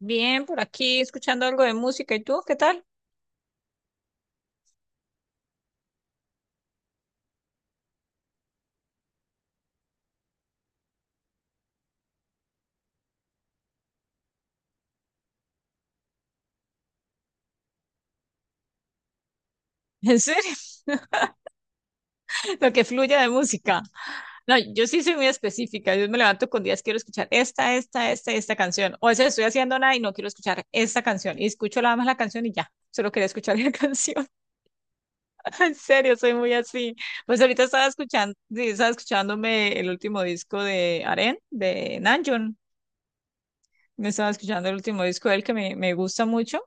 Bien, por aquí escuchando algo de música. ¿Y tú qué tal? ¿En serio? Lo que fluya de música. No, yo sí soy muy específica. Yo me levanto con días, quiero escuchar y esta canción. O a veces estoy haciendo nada y no quiero escuchar esta canción. Y escucho nada más la canción y ya. Solo quería escuchar la canción. En serio, soy muy así. Pues ahorita estaba escuchando, sí, estaba escuchándome el último disco de Aren, de Nanjon. Me estaba escuchando el último disco de él que me gusta mucho.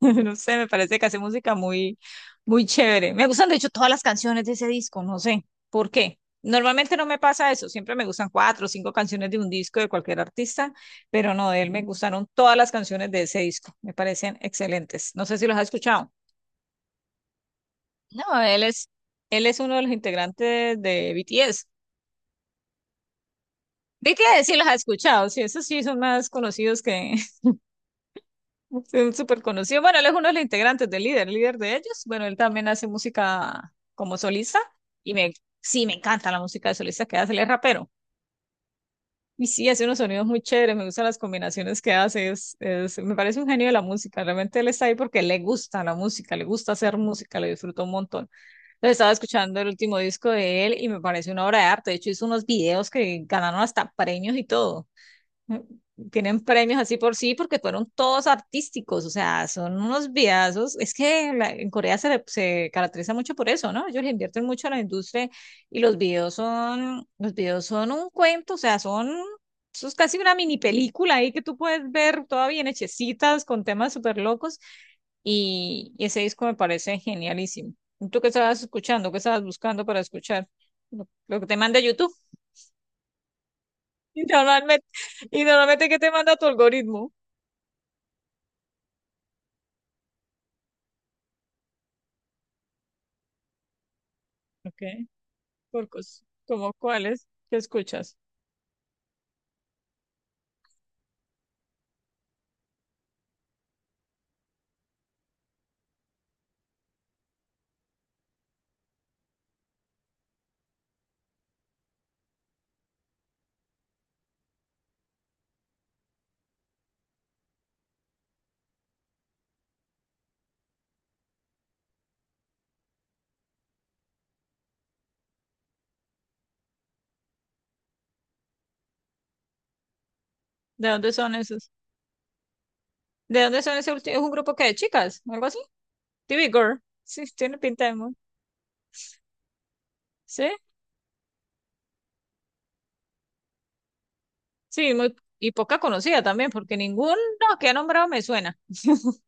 No sé, me parece que hace música muy, muy chévere. Me gustan, de hecho, todas las canciones de ese disco, no sé por qué. Normalmente no me pasa eso, siempre me gustan cuatro o cinco canciones de un disco de cualquier artista, pero no, de él me gustaron todas las canciones de ese disco, me parecen excelentes. No sé si los has escuchado. No, él es uno de los integrantes de BTS. BTS sí los has escuchado, sí, esos sí son más conocidos que, es súper conocido. Bueno, él es uno de los integrantes del líder, el líder de ellos. Bueno, él también hace música como solista y sí, me encanta la música de solista que hace, él es rapero. Y sí, hace unos sonidos muy chéveres, me gustan las combinaciones que hace, me parece un genio de la música. Realmente él está ahí porque le gusta la música, le gusta hacer música, le disfruta un montón. Entonces estaba escuchando el último disco de él y me parece una obra de arte. De hecho, hizo unos videos que ganaron hasta premios y todo. mm, Tienen premios así por sí porque fueron todos artísticos, o sea, son unos videazos. Es que en Corea se, se caracteriza mucho por eso, ¿no? Ellos le invierten mucho a la industria y los videos son un cuento, o sea, eso es casi una mini película ahí que tú puedes ver toda bien hechecitas con temas súper locos y ese disco me parece genialísimo. ¿Tú qué estabas escuchando? ¿Qué estabas buscando para escuchar? Lo que te manda YouTube. Y normalmente, y normalmente, ¿qué te manda tu algoritmo? Ok, ¿cómo cuáles que escuchas? ¿De dónde son esos? ¿De dónde son ese último? ¿Es un grupo que de chicas? ¿O algo así? TV Girl. Sí, tiene pinta de muy. Sí, sí, muy, y poca conocida también, porque ninguno que ha nombrado me suena.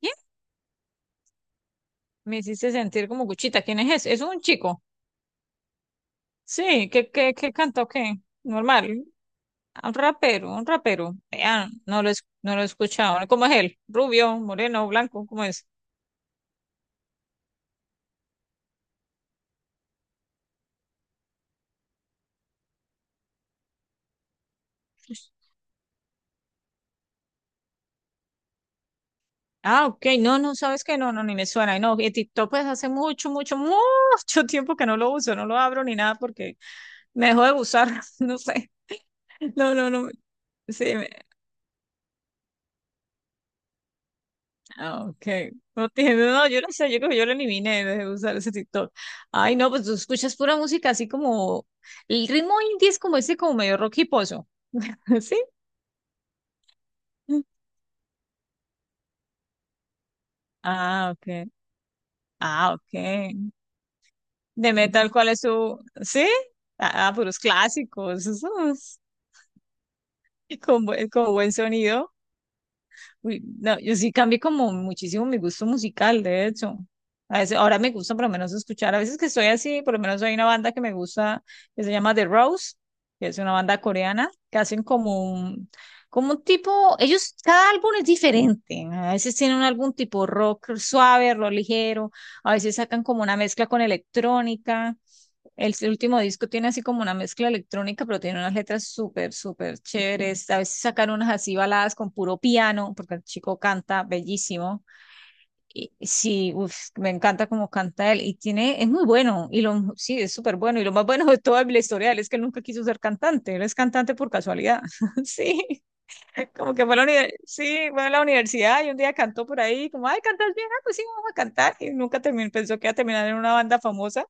¿Quién? Me hiciste sentir como cuchita. ¿Quién es ese? Es un chico. Sí, ¿qué cantó qué? Normal. Ah, un rapero, un rapero. Vean, no lo he escuchado. ¿Cómo es él? ¿Rubio, moreno, blanco? ¿Cómo es? Ah, ok, no, no, sabes que no, no, ni me suena, no, y TikTok pues hace mucho, mucho, mucho tiempo que no lo uso, no lo abro ni nada porque me dejó de gustar, no sé, no, no, no, sí, ah, ok, no, no, yo no sé, yo creo que yo lo eliminé, dejé de usar ese TikTok. Ay, no, pues tú escuchas pura música así como el ritmo indie es como ese, como medio rock y pozo, ¿sí? Ah, ok, ah, ok, de metal, ¿cuál es su, sí? Ah, ah, puros clásicos, esos. Y con buen sonido. Uy, no, yo sí cambié como muchísimo mi gusto musical, de hecho. A veces, ahora me gusta por lo menos escuchar, a veces que estoy así, por lo menos hay una banda que me gusta, que se llama The Rose, que es una banda coreana, que hacen como un tipo, ellos, cada álbum es diferente, a veces tienen algún tipo rock suave, rock ligero, a veces sacan como una mezcla con electrónica, el último disco tiene así como una mezcla electrónica, pero tiene unas letras súper, súper chéveres. A veces sacan unas así baladas con puro piano, porque el chico canta bellísimo. Y sí, uf, me encanta cómo canta él. Y tiene, es muy bueno. Sí, es súper bueno. Y lo más bueno de toda la historia de él es que él nunca quiso ser cantante. Él es cantante por casualidad. Sí, como que fue a la, univer- sí, fue a la universidad y un día cantó por ahí, como, ay, cantas bien, ah, pues sí, vamos a cantar. Y nunca terminó, pensó que iba a terminar en una banda famosa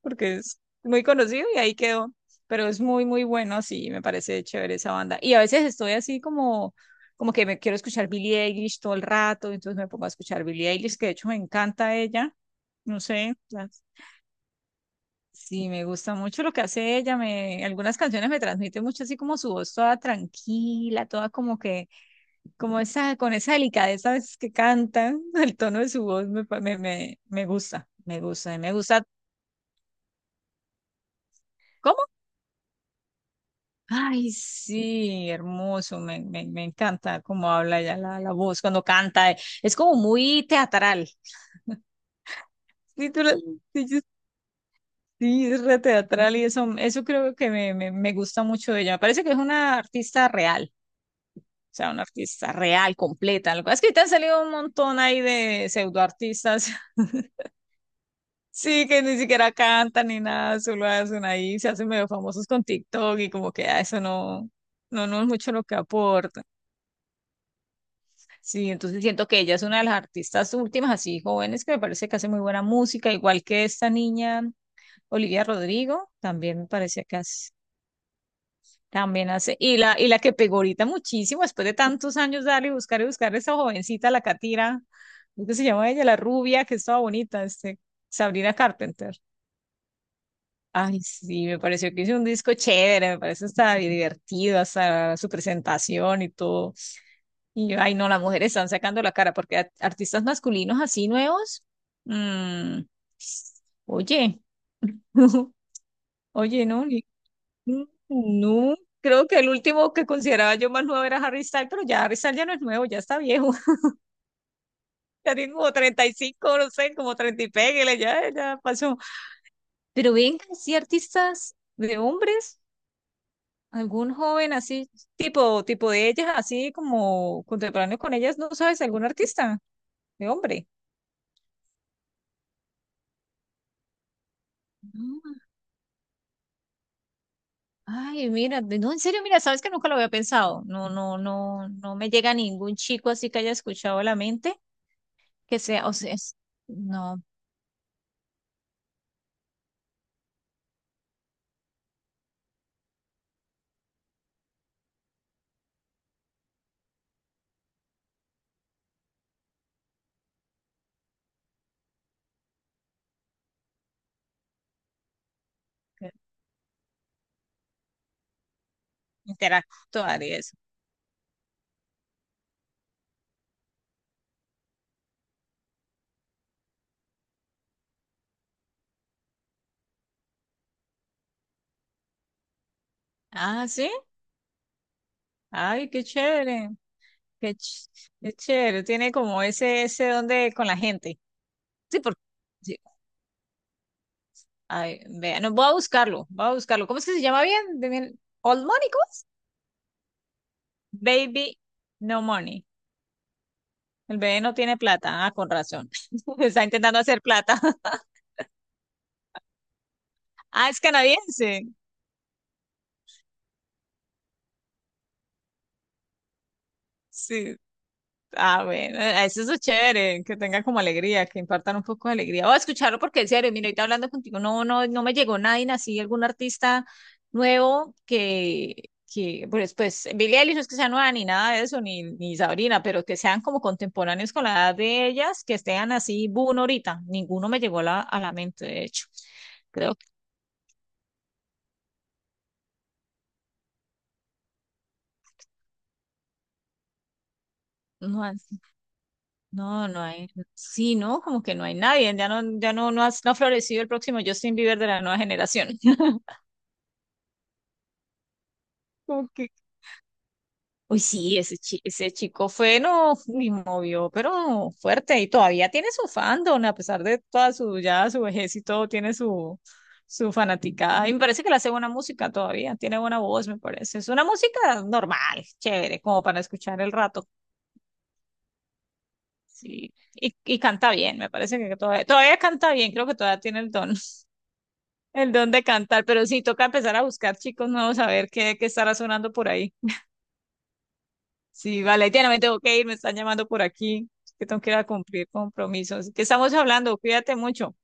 porque es muy conocido y ahí quedó. Pero es muy, muy bueno, sí, me parece chévere esa banda. Y a veces estoy así como que me quiero escuchar Billie Eilish todo el rato, entonces me pongo a escuchar Billie Eilish, que de hecho me encanta ella, no sé, sí, me gusta mucho lo que hace ella, algunas canciones me transmiten mucho así como su voz toda tranquila, toda como que, como esa, con esa delicadeza a veces que canta, el tono de su voz me gusta, y me gusta. ¿Cómo? Ay, sí, hermoso, me encanta cómo habla ella la voz cuando canta, es como muy teatral. Sí, sí, sí, es re teatral y eso creo que me gusta mucho de ella. Me parece que es una artista real, o sea, una artista real, completa. Lo que pasa es que te han salido un montón ahí de pseudoartistas, sí, que ni siquiera cantan ni nada, solo hacen ahí, se hacen medio famosos con TikTok y como que ah, eso no, no, no es mucho lo que aporta. Sí, entonces siento que ella es una de las artistas últimas, así jóvenes, que me parece que hace muy buena música, igual que esta niña Olivia Rodrigo, también me parece que hace, también hace, y la que pegó ahorita muchísimo, después de tantos años darle y buscar esa jovencita, la Catira, ¿cómo que se llama ella? La rubia, que estaba bonita, Sabrina Carpenter. Ay, sí, me pareció que hizo un disco chévere, me parece hasta divertido, hasta su presentación y todo. Y yo, ay, no, las mujeres están sacando la cara porque artistas masculinos así nuevos. mm, Oye, oye, no, mm, no, creo que el último que consideraba yo más nuevo era Harry Styles, pero ya Harry Styles ya no es nuevo, ya está viejo, ya tiene como 35 no sé, como 30 y pégale, ya pasó. Pero ven, sí, artistas de hombres, algún joven así, tipo de ellas, así como contemporáneo con ellas, ¿no sabes? ¿Algún artista de hombre? Ay, mira, no, en serio, mira, sabes que nunca lo había pensado. No, no, no, no me llega ningún chico así que haya escuchado la mente, que sea, o sea, no, que interactuar y eso. Ah, sí. Ay, qué chévere, qué, ch- qué chévere. Tiene como ese don de con la gente. Sí, porque, sí. Ay, vea, no, voy a buscarlo, voy a buscarlo. ¿Cómo es que se llama bien? Old Money, ¿cómo es? Baby No Money. El bebé no tiene plata. Ah, con razón. Está intentando hacer plata. Ah, es canadiense. Sí. Ah, bueno, eso es lo chévere, que tenga como alegría, que impartan un poco de alegría. O escucharlo porque en serio, mira, ahorita hablando contigo, no, no, no me llegó nadie, así algún artista nuevo que, pues, Billie Eilish no es que sea nueva ni nada de eso, ni Sabrina, pero que sean como contemporáneos con la edad de ellas, que estén así, boom, ahorita. Ninguno me llegó a la mente, de hecho. Creo que no. No, no hay, sí, ¿no? Como que no hay nadie, ya no, ya no, no ha florecido el próximo Justin Bieber de la nueva generación. Como que, uy, sí, ese chico fue, no, y movió, pero fuerte, y todavía tiene su fandom, a pesar de toda su, ya su vejez y todo, tiene su fanaticada, y me parece que le hace buena música todavía, tiene buena voz, me parece, es una música normal, chévere, como para escuchar el rato, sí, y canta bien, me parece que todavía, todavía canta bien, creo que todavía tiene el don. El don de cantar, pero sí, toca empezar a buscar chicos nuevos, a ver qué estará sonando por ahí. Sí, vale, Diana, me tengo que ir, me están llamando por aquí, que tengo que ir a cumplir compromisos. ¿Qué estamos hablando? Cuídate mucho.